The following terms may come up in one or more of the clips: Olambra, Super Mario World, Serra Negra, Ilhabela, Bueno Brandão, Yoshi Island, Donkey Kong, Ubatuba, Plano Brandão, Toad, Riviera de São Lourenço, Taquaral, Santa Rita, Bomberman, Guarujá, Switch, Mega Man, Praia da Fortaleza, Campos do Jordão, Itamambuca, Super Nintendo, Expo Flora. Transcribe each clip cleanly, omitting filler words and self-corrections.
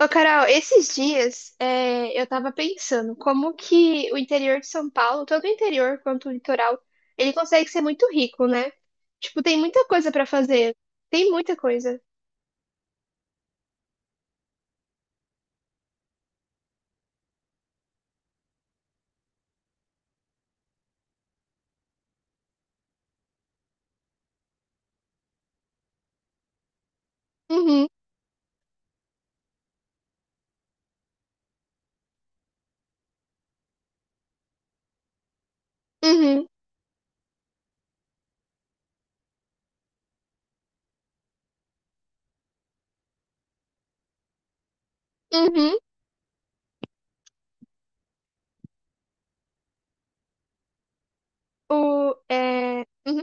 Ô, Carol, esses dias eu tava pensando como que o interior de São Paulo, tanto o interior quanto o litoral, ele consegue ser muito rico, né? Tipo, tem muita coisa pra fazer. Tem muita coisa. Uhum, uhum, uhum. O, é, uhum.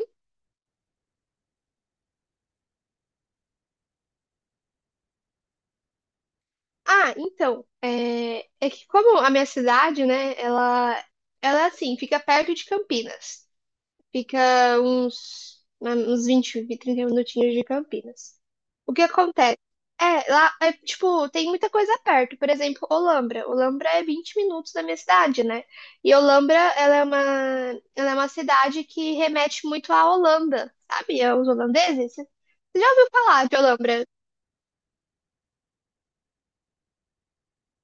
Ah, então, é que como a minha cidade, né, ela assim, fica perto de Campinas. Fica uns 20, 30 minutinhos de Campinas. O que acontece? É, lá, tipo, tem muita coisa perto. Por exemplo, Olambra. Olambra é 20 minutos da minha cidade, né? E Olambra, ela é uma cidade que remete muito à Holanda, sabe? Aos holandeses. Você já ouviu falar de Olambra?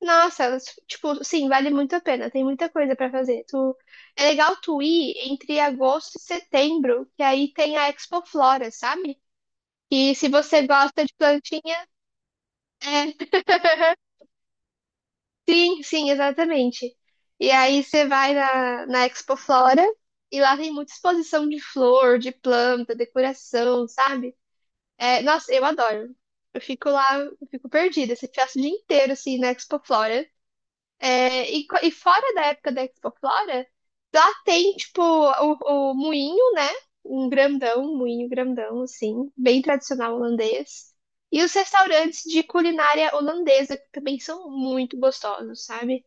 Nossa, elas, tipo, sim, vale muito a pena. Tem muita coisa pra fazer. Tu, é legal tu ir entre agosto e setembro, que aí tem a Expo Flora, sabe? E se você gosta de plantinha, é. Sim, sim, exatamente. E aí você vai na Expo Flora e lá tem muita exposição de flor, de planta, decoração, sabe? É, nossa, eu adoro. Eu fico lá, eu fico perdida. Você passa o dia inteiro assim na Expo Flora. É, e fora da época da Expoflora, lá tem, tipo, o moinho, né? Um grandão, um moinho grandão, assim, bem tradicional holandês. E os restaurantes de culinária holandesa, que também são muito gostosos, sabe?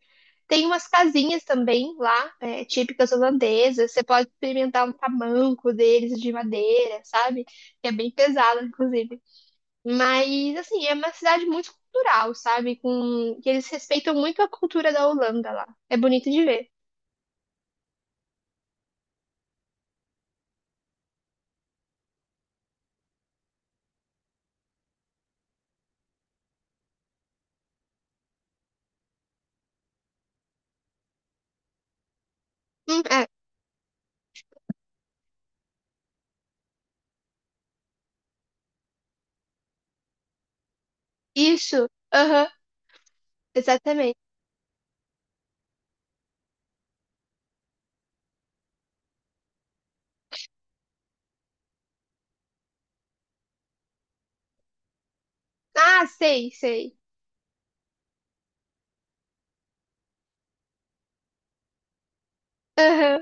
Tem umas casinhas também lá, é, típicas holandesas. Você pode experimentar um tamanco deles de madeira, sabe? Que é bem pesado, inclusive. Mas, assim, é uma cidade muito cultural, sabe? Que eles respeitam muito a cultura da Holanda lá. É bonito de ver. É. Isso. Aham, exatamente. Ah, sei, sei. Aham.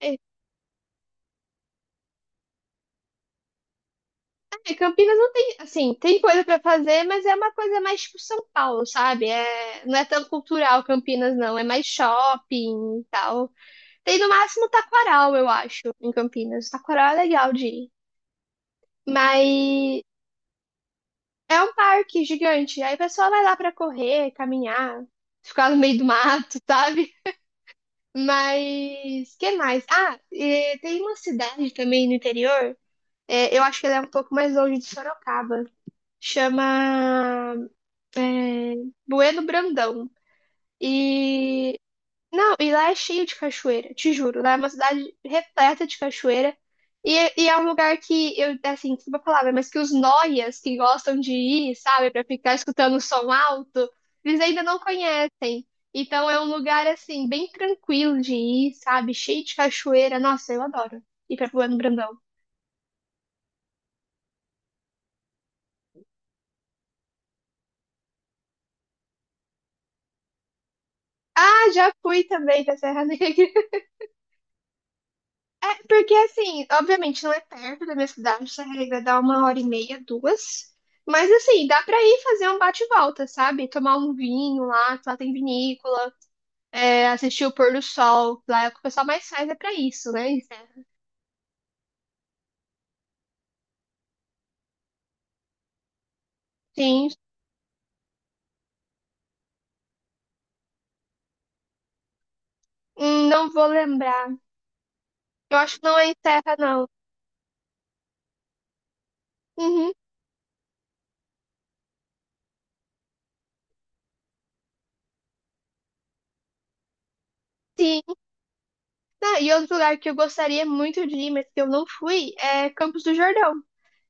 É, é, Campinas não tem, assim, tem coisa pra fazer, mas é uma coisa mais tipo São Paulo, sabe? É, não é tão cultural Campinas, não. É mais shopping e tal. Tem no máximo Taquaral, eu acho, em Campinas. Taquaral é legal de ir. Mas. É um parque gigante. Aí o pessoal vai lá pra correr, caminhar, ficar no meio do mato, sabe? Mas que mais? Ah, e tem uma cidade também no interior. Eu acho que ela é um pouco mais longe de Sorocaba. Chama Bueno Brandão. E. Não, e lá é cheio de cachoeira, te juro. Lá é uma cidade repleta de cachoeira. E é um lugar que, eu, assim, desculpa a palavra, mas que os noias que gostam de ir, sabe, pra ficar escutando o som alto, eles ainda não conhecem. Então é um lugar, assim, bem tranquilo de ir, sabe, cheio de cachoeira. Nossa, eu adoro ir pra Plano Brandão. Ah, já fui também pra Serra Negra. É, porque assim, obviamente não é perto da minha cidade, essa regra dá uma hora e meia, duas. Mas assim, dá pra ir fazer um bate e volta, sabe? Tomar um vinho lá, que lá tem vinícola, assistir o pôr do sol, lá é o que o pessoal mais faz é pra isso, né? Em Serra. Sim. Não vou lembrar. Eu acho que não é em Serra, não. Uhum, sim. Ah, e outro lugar que eu gostaria muito de ir, mas que eu não fui, é Campos do Jordão.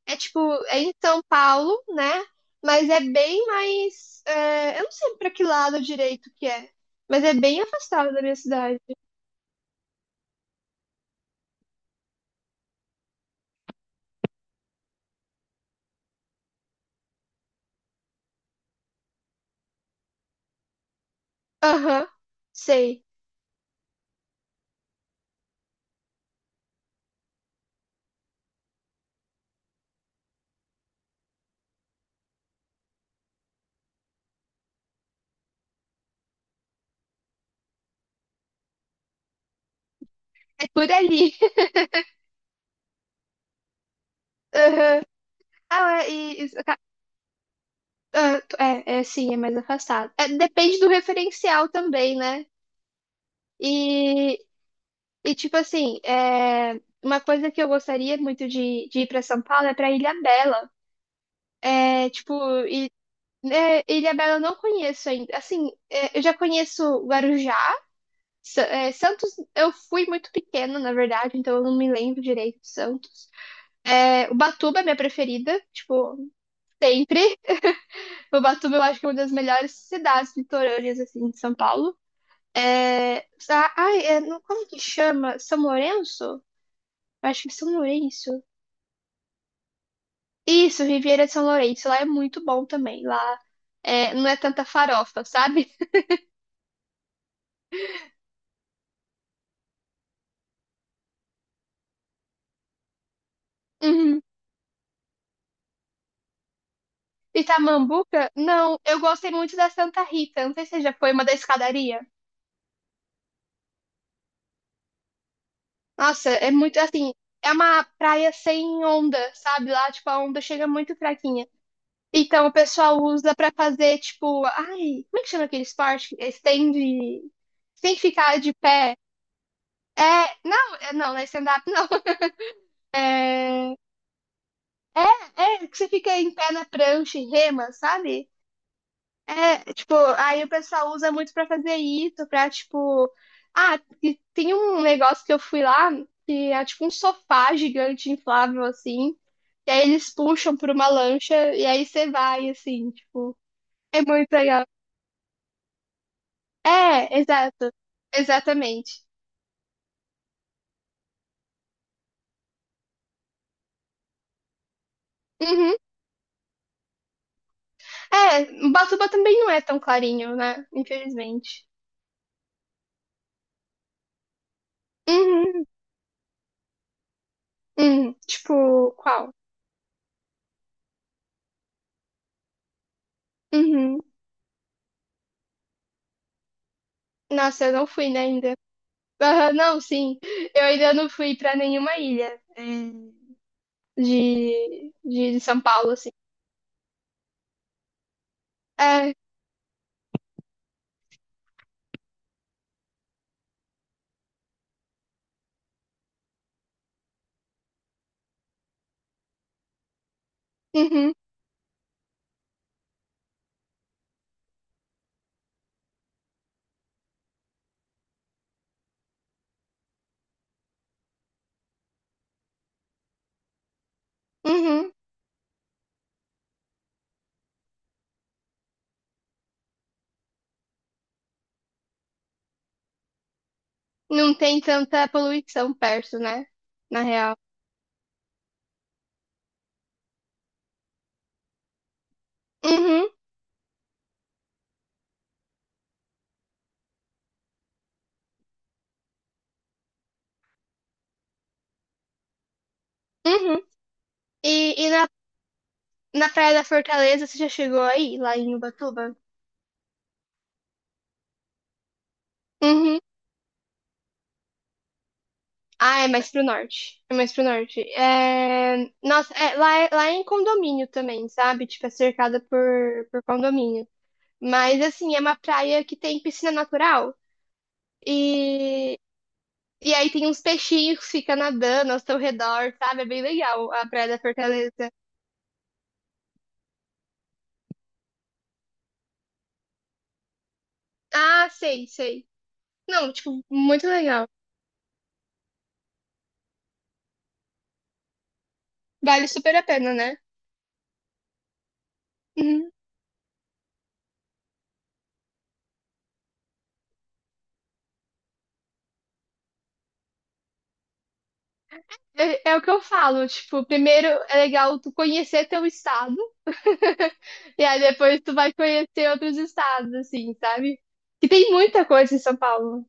É tipo, é em São Paulo, né? Mas é bem mais. Eu não sei pra que lado direito que é, mas é bem afastado da minha cidade. Aham, sei. É por ali. Aham. Ah, é, e, e- ca- ah, sim, é mais afastado. É, depende do referencial também, né? E, e tipo assim, uma coisa que eu gostaria muito de ir pra São Paulo é pra Ilhabela. É, tipo, Ilhabela eu não conheço ainda. Assim, é, eu já conheço Guarujá. Santos, eu fui muito pequena, na verdade, então eu não me lembro direito de Santos. É, Ubatuba é minha preferida, tipo, sempre. Ubatuba eu acho que é uma das melhores cidades litorâneas, assim, de São Paulo. É, sa- ai, é, não- Como que chama? São Lourenço? Eu acho que é São Lourenço. Isso, Riviera de São Lourenço. Lá é muito bom também. Lá é, não é tanta farofa, sabe? Uhum. Itamambuca? Não, eu gostei muito da Santa Rita. Não sei se você já foi uma da escadaria. Nossa, é muito assim. É uma praia sem onda, sabe? Lá, tipo, a onda chega muito fraquinha. Então, o pessoal usa pra fazer, tipo, ai, como é que chama aquele esporte? Estende. Tem que ficar de pé. É, não, não, não é stand-up, não. É, que você fica em pé na prancha e rema, sabe? É, tipo, aí o pessoal usa muito pra fazer isso, pra, tipo. Ah, e tem um negócio que eu fui lá, que é tipo um sofá gigante inflável, assim. E aí eles puxam por uma lancha, e aí você vai, assim, tipo. É muito legal. É, exato. Exatamente. Uhum. É, Batuba também não é tão clarinho, né? Infelizmente. Uhum, uhum. Tipo, qual? Uhum. Nossa, eu não fui, né, ainda. Aham, não, sim. Eu ainda não fui pra nenhuma ilha de São Paulo, assim. É, uhum, uhum. Não tem tanta poluição perto, né? Na real. Uhum, uhum. E na, Praia da Fortaleza, você já chegou aí, lá em Ubatuba? Uhum. Ah, é mais pro norte. É mais pro norte. É... Nossa, é, lá, lá é em condomínio também, sabe? Tipo, é cercada por condomínio. Mas, assim, é uma praia que tem piscina natural. E, e aí tem uns peixinhos que ficam nadando ao seu redor, sabe? É bem legal a Praia da Fortaleza. Ah, sei, sei. Não, tipo, muito legal. Vale super a pena, né? Uhum. É, é o que eu falo, tipo, primeiro é legal tu conhecer teu estado, e aí depois tu vai conhecer outros estados, assim, sabe? Que tem muita coisa em São Paulo.